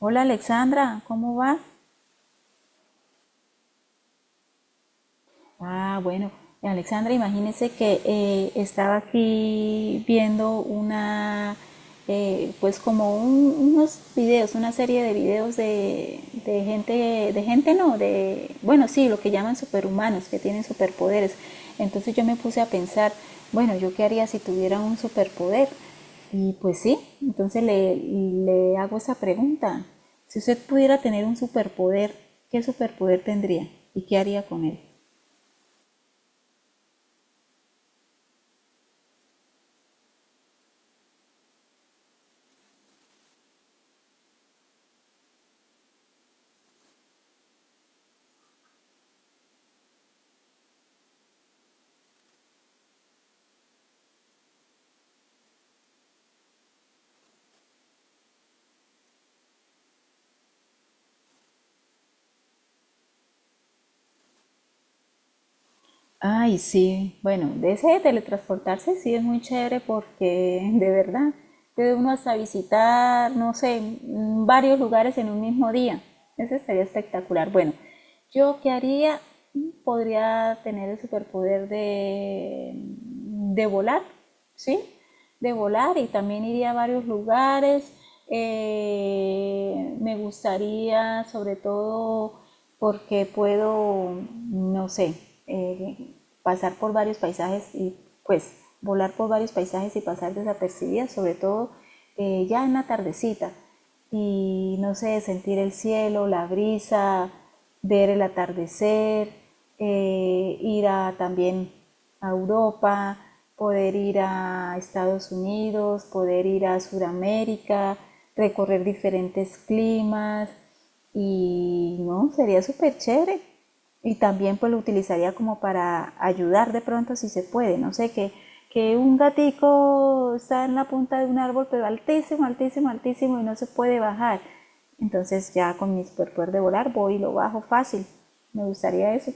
Hola Alexandra, ¿cómo va? Ah, bueno, Alexandra, imagínese que estaba aquí viendo una, pues como unos videos, una serie de videos de gente no, de, bueno, sí, lo que llaman superhumanos, que tienen superpoderes. Entonces yo me puse a pensar, bueno, ¿yo qué haría si tuviera un superpoder? Y pues sí, entonces le hago esa pregunta. Si usted pudiera tener un superpoder, ¿qué superpoder tendría y qué haría con él? Ay, sí, bueno, de ese de teletransportarse sí es muy chévere porque de verdad puede uno hasta visitar, no sé, varios lugares en un mismo día. Ese estaría espectacular. Bueno, yo qué haría. Mm, podría tener el superpoder de volar, ¿sí? De volar y también iría a varios lugares. Me gustaría, sobre todo, porque puedo, no sé, eh, pasar por varios paisajes y pues volar por varios paisajes y pasar desapercibida, sobre todo ya en la tardecita y no sé, sentir el cielo, la brisa, ver el atardecer, ir a, también a Europa, poder ir a Estados Unidos, poder ir a Sudamérica, recorrer diferentes climas y no, sería súper chévere. Y también pues lo utilizaría como para ayudar de pronto si se puede. No sé, que un gatico está en la punta de un árbol, pero altísimo, altísimo, altísimo y no se puede bajar. Entonces ya con mi superpoder de volar voy y lo bajo fácil. Me gustaría eso.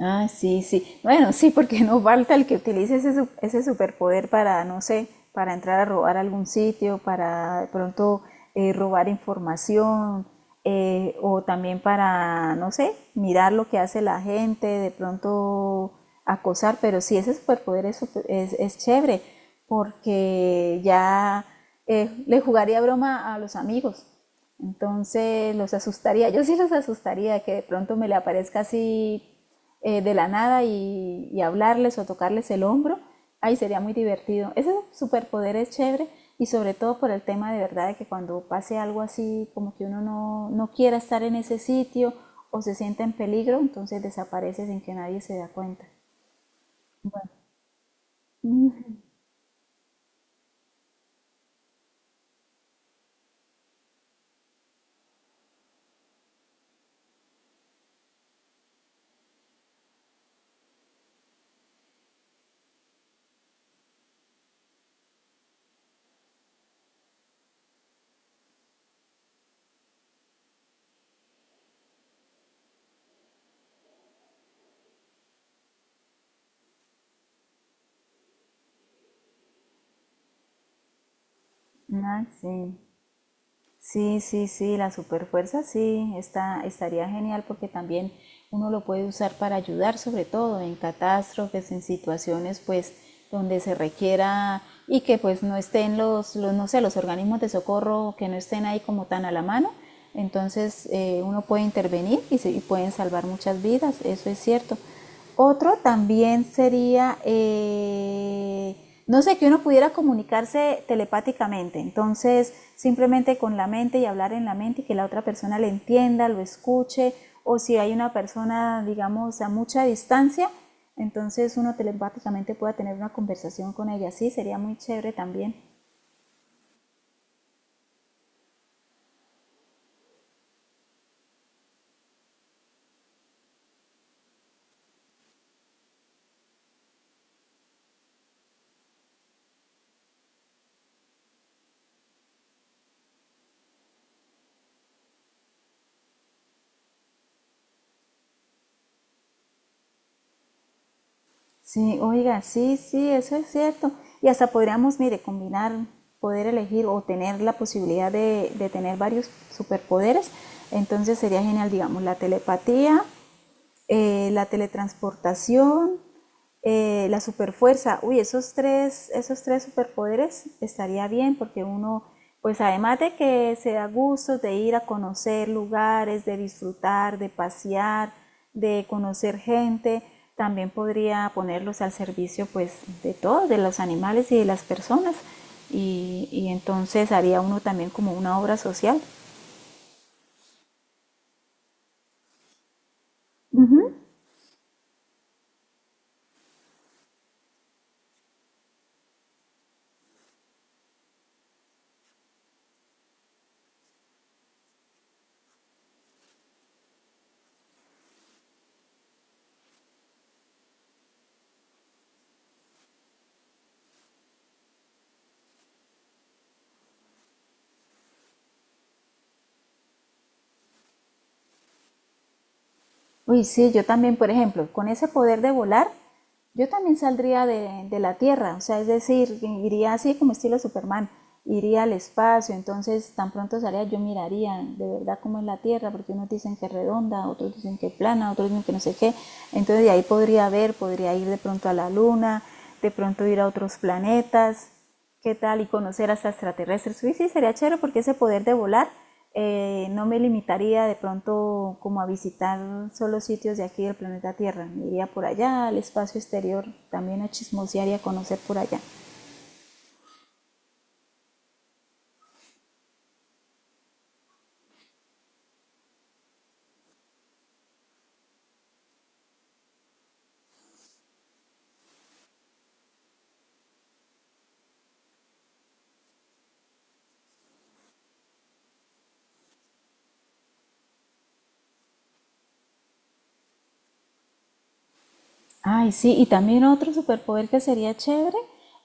Ah, sí, sí. Bueno, sí, porque no falta el que utilice ese, ese superpoder para, no sé, para entrar a robar a algún sitio, para de pronto robar información, o también para, no sé, mirar lo que hace la gente, de pronto acosar, pero sí, ese superpoder es, es chévere, porque ya le jugaría broma a los amigos. Entonces los asustaría, yo sí los asustaría, que de pronto me le aparezca así de la nada y, y hablarles o tocarles el hombro, ahí sería muy divertido. Ese superpoder es chévere y sobre todo por el tema de verdad de que cuando pase algo así, como que uno no, no quiera estar en ese sitio o se sienta en peligro, entonces desaparece sin que nadie se da cuenta. Bueno, ah, sí. Sí, sí, sí, la superfuerza sí, está, estaría genial porque también uno lo puede usar para ayudar, sobre todo en catástrofes, en situaciones pues donde se requiera y que pues no estén los no sé, los organismos de socorro que no estén ahí como tan a la mano. Entonces uno puede intervenir y, se, y pueden salvar muchas vidas, eso es cierto. Otro también sería, no sé, que uno pudiera comunicarse telepáticamente, entonces simplemente con la mente y hablar en la mente y que la otra persona le entienda, lo escuche, o si hay una persona, digamos, a mucha distancia, entonces uno telepáticamente pueda tener una conversación con ella, sí, sería muy chévere también. Sí, oiga, sí, sí, eso es cierto. Y hasta podríamos, mire, combinar, poder elegir o tener la posibilidad de tener varios superpoderes. Entonces sería genial, digamos, la telepatía, la teletransportación, la superfuerza. Uy, esos tres superpoderes estaría bien porque uno, pues además de que se da gusto de ir a conocer lugares, de disfrutar, de pasear, de conocer gente, también podría ponerlos al servicio pues de todos, de los animales y de las personas. Y entonces haría uno también como una obra social. Uy, sí, yo también, por ejemplo, con ese poder de volar, yo también saldría de la Tierra, o sea, es decir, iría así como estilo Superman, iría al espacio, entonces tan pronto salía yo miraría de verdad cómo es la Tierra, porque unos dicen que es redonda, otros dicen que es plana, otros dicen que no sé qué, entonces de ahí podría ver, podría ir de pronto a la Luna, de pronto ir a otros planetas, qué tal y conocer hasta extraterrestres. Sí, sí, sería chévere porque ese poder de volar no me limitaría de pronto como a visitar solo sitios de aquí del planeta Tierra. Me iría por allá, al espacio exterior, también a chismosear y a conocer por allá. Ay, sí, y también otro superpoder que sería chévere,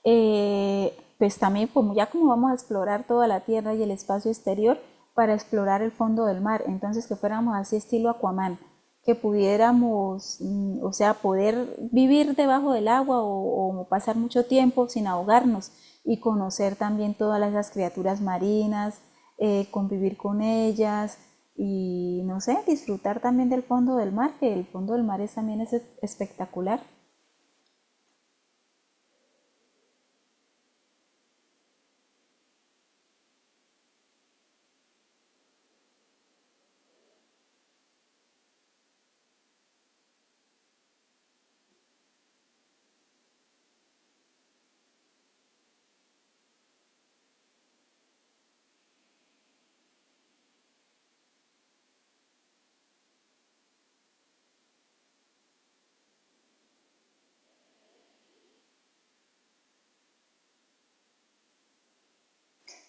pues también como ya como vamos a explorar toda la tierra y el espacio exterior para explorar el fondo del mar, entonces que fuéramos así estilo Aquaman, que pudiéramos, o sea, poder vivir debajo del agua o pasar mucho tiempo sin ahogarnos y conocer también todas esas criaturas marinas, convivir con ellas y no sé, disfrutar también del fondo del mar, que el fondo del mar es, también es espectacular.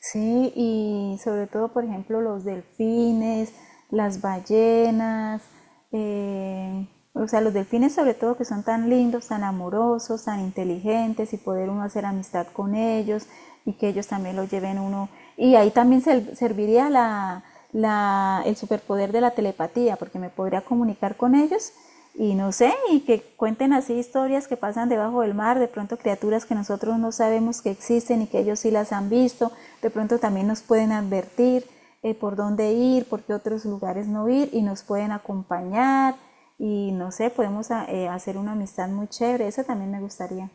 Sí, y sobre todo, por ejemplo, los delfines, las ballenas, eh, o sea, los delfines sobre todo que son tan lindos, tan amorosos, tan inteligentes y poder uno hacer amistad con ellos y que ellos también lo lleven uno. Y ahí también serviría la, el superpoder de la telepatía, porque me podría comunicar con ellos y no sé, y que cuenten así historias que pasan debajo del mar, de pronto criaturas que nosotros no sabemos que existen y que ellos sí las han visto, de pronto también nos pueden advertir por dónde ir, por qué otros lugares no ir y nos pueden acompañar y no sé, podemos ah, hacer una amistad muy chévere, eso también me gustaría.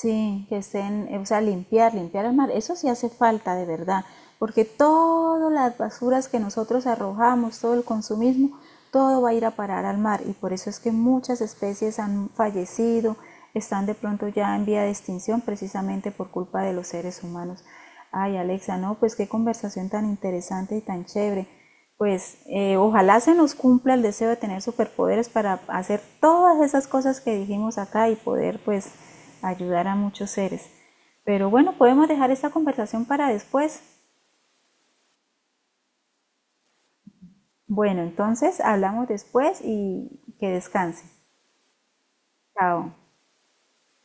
Sí, que estén, o sea, limpiar, limpiar el mar, eso sí hace falta de verdad, porque todas las basuras que nosotros arrojamos, todo el consumismo, todo va a ir a parar al mar y por eso es que muchas especies han fallecido, están de pronto ya en vía de extinción precisamente por culpa de los seres humanos. Ay, Alexa, no, pues qué conversación tan interesante y tan chévere. Pues ojalá se nos cumpla el deseo de tener superpoderes para hacer todas esas cosas que dijimos acá y poder pues ayudar a muchos seres. Pero bueno, podemos dejar esta conversación para después. Bueno, entonces hablamos después y que descanse. Chao.